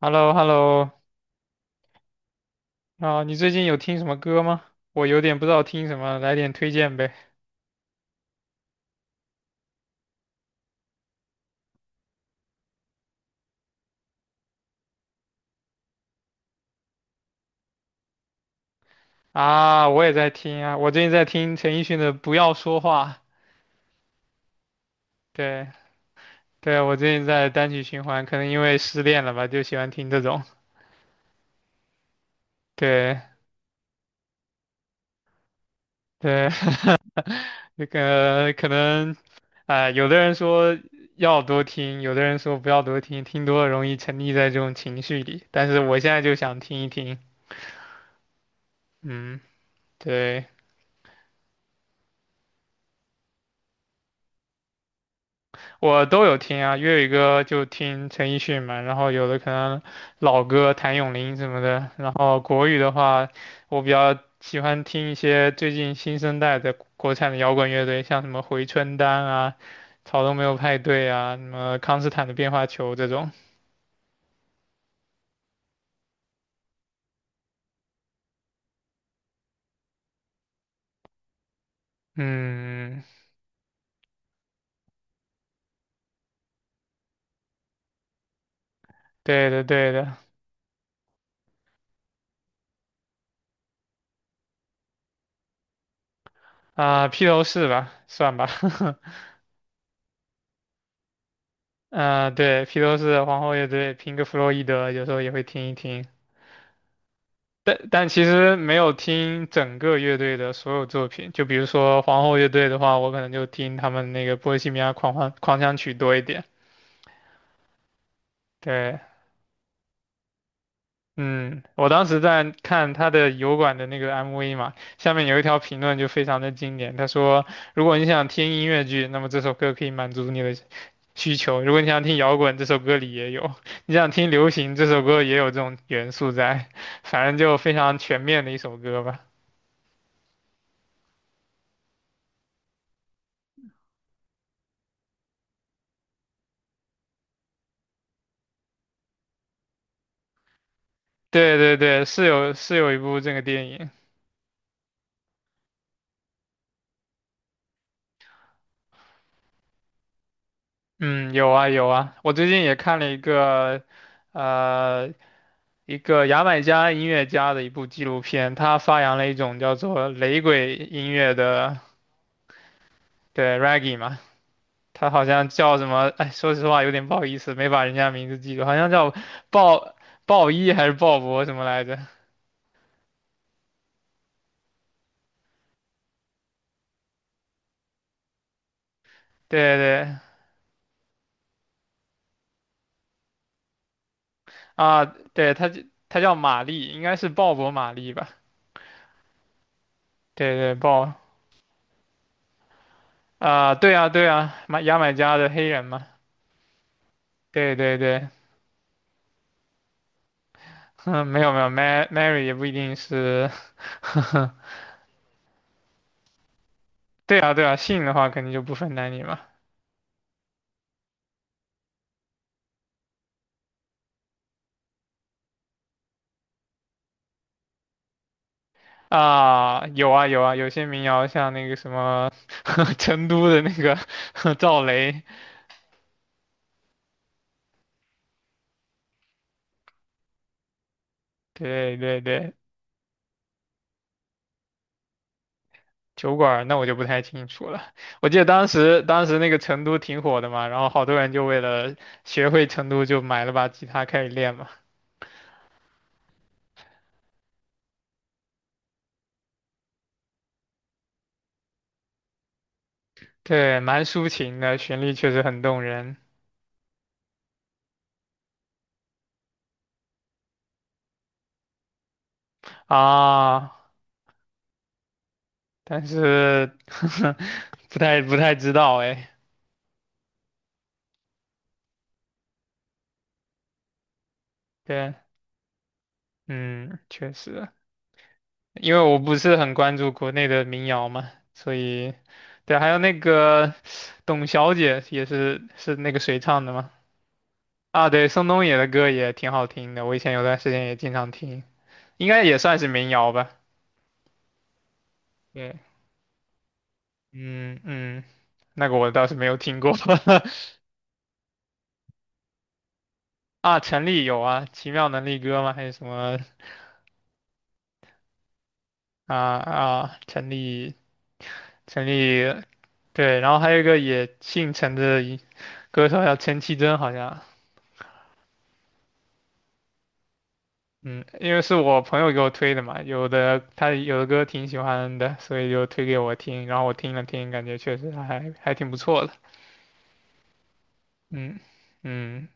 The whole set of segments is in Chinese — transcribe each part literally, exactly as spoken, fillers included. h e l l o h e l l o 啊，你最近有听什么歌吗？我有点不知道听什么，来点推荐呗。啊，我也在听啊，我最近在听陈奕迅的《不要说话》。对，对，我最近在单曲循环，可能因为失恋了吧，就喜欢听这种。对，对，那个可能，哎、有的人说要多听，有的人说不要多听，听多了容易沉溺在这种情绪里。但是我现在就想听一听，嗯，对。我都有听啊，粤语歌就听陈奕迅嘛，然后有的可能老歌谭咏麟什么的，然后国语的话，我比较喜欢听一些最近新生代的国产的摇滚乐队，像什么回春丹啊、草东没有派对啊、什么康斯坦的变化球这种。嗯，对的对的，啊、披头士吧，算吧，啊，对，披头士、皇后乐队、平克·弗洛伊德，有时候也会听一听。但但其实没有听整个乐队的所有作品，就比如说皇后乐队的话，我可能就听他们那个《波西米亚狂欢狂想曲》多一点。对，嗯，我当时在看他的油管的那个 M V 嘛，下面有一条评论就非常的经典，他说：如果你想听音乐剧，那么这首歌可以满足你的需求；如果你想听摇滚，这首歌里也有；你想听流行，这首歌也有这种元素在。反正就非常全面的一首歌吧。对对对，是有是有一部这个电影。嗯，有啊有啊，我最近也看了一个，呃，一个牙买加音乐家的一部纪录片，他发扬了一种叫做雷鬼音乐的，对，reggae 嘛。他好像叫什么，哎，说实话有点不好意思，没把人家名字记住，好像叫鲍鲍伊还是鲍勃什么来着？对对啊，对，他他叫玛丽，应该是鲍勃玛丽吧？对对，鲍啊，对啊，对啊，买牙买加的黑人嘛。对对对，嗯，没有没有，Mary Mary 也不一定是，对啊对啊，姓的话肯定就不分男女嘛。啊，有啊有啊，有些民谣像那个什么 成都的那个 赵雷，对对对，酒馆儿那我就不太清楚了。我记得当时当时那个成都挺火的嘛，然后好多人就为了学会成都就买了把吉他开始练嘛。对，蛮抒情的，旋律确实很动人。啊，但是 不太不太知道哎。对，嗯，确实，因为我不是很关注国内的民谣嘛，所以对，还有那个董小姐也是是那个谁唱的吗？啊，对，宋冬野的歌也挺好听的，我以前有段时间也经常听，应该也算是民谣吧。对，嗯嗯，那个我倒是没有听过 啊。陈粒有啊，《奇妙能力歌》吗？还是什么啊啊？陈粒陈粒，对，然后还有一个也姓陈的一歌手叫陈绮贞，好像。嗯，因为是我朋友给我推的嘛，有的他有的歌挺喜欢的，所以就推给我听，然后我听了听，感觉确实还还挺不错的。嗯嗯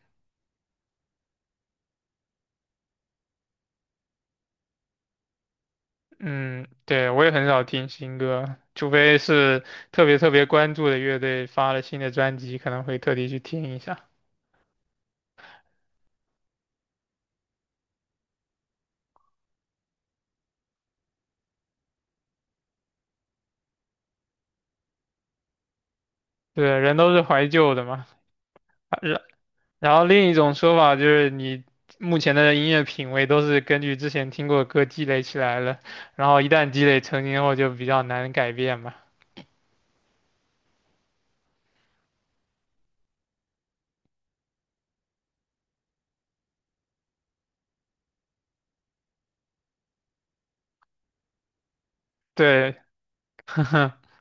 嗯，对，我也很少听新歌，除非是特别特别关注的乐队发了新的专辑，可能会特地去听一下。对，人都是怀旧的嘛，然后另一种说法就是你目前的音乐品味都是根据之前听过的歌积累起来了，然后一旦积累成型后就比较难改变嘛。对，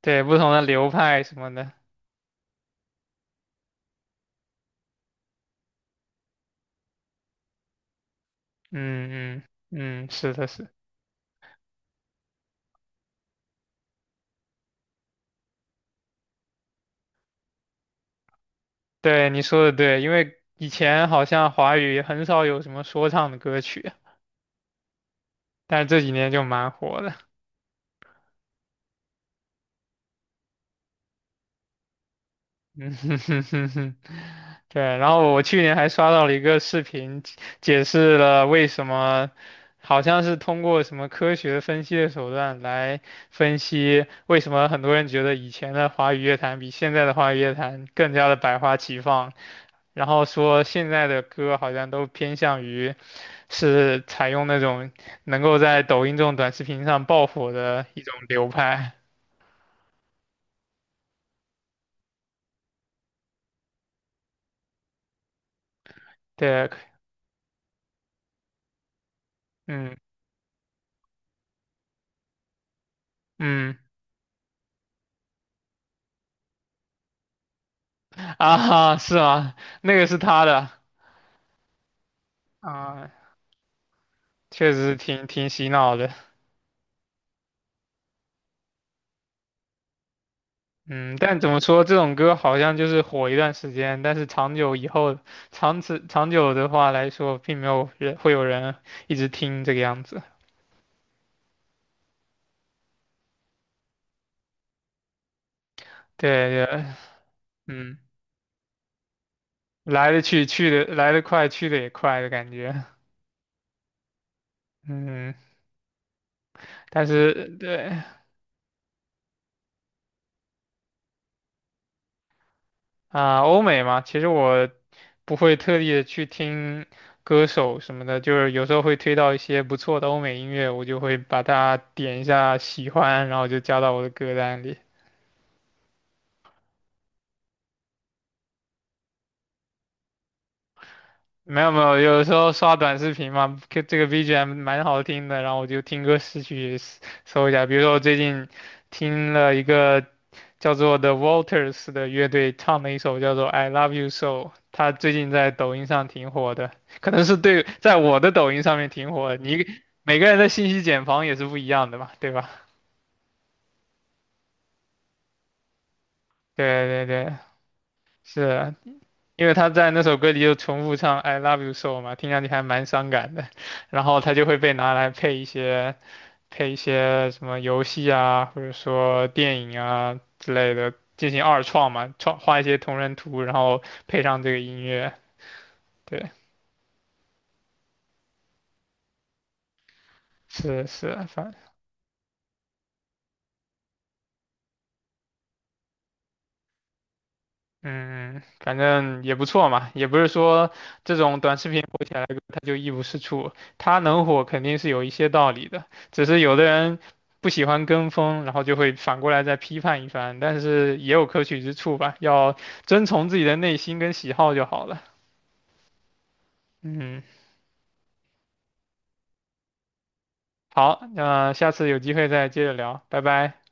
对，不同的流派什么的，嗯嗯嗯，是的是，对你说的对，因为以前好像华语很少有什么说唱的歌曲，但是这几年就蛮火的。嗯哼哼哼哼，对，然后我去年还刷到了一个视频，解解释了为什么，好像是通过什么科学分析的手段来分析为什么很多人觉得以前的华语乐坛比现在的华语乐坛更加的百花齐放，然后说现在的歌好像都偏向于是采用那种能够在抖音这种短视频上爆火的一种流派，对，嗯嗯。啊哈，是啊，那个是他的啊，确实挺挺洗脑的。嗯，但怎么说，这种歌好像就是火一段时间，但是长久以后，长此长久的话来说，并没有人会有人一直听这个样子。对对，嗯，来的去，去的来的快，去的也快的感觉。嗯，但是对，啊，欧美嘛，其实我不会特地的去听歌手什么的，就是有时候会推到一些不错的欧美音乐，我就会把它点一下喜欢，然后就加到我的歌单里。没有没有，有时候刷短视频嘛，这这个 B G M 蛮好听的，然后我就听歌识曲搜一下。比如说我最近听了一个叫做 The Walters 的乐队唱的一首叫做《I Love You So》，他最近在抖音上挺火的，可能是对，在我的抖音上面挺火的你每个人的信息茧房也是不一样的嘛，对吧？对对对，是因为他在那首歌里就重复唱 "I love you so" 嘛，听上去还蛮伤感的，然后他就会被拿来配一些配一些什么游戏啊，或者说电影啊之类的进行二创嘛，创画一些同人图，然后配上这个音乐。对，是是，反嗯，嗯反正也不错嘛，也不是说这种短视频火起来了它就一无是处，它能火肯定是有一些道理的，只是有的人不喜欢跟风，然后就会反过来再批判一番，但是也有可取之处吧，要遵从自己的内心跟喜好就好了。嗯，好，那下次有机会再接着聊，拜拜。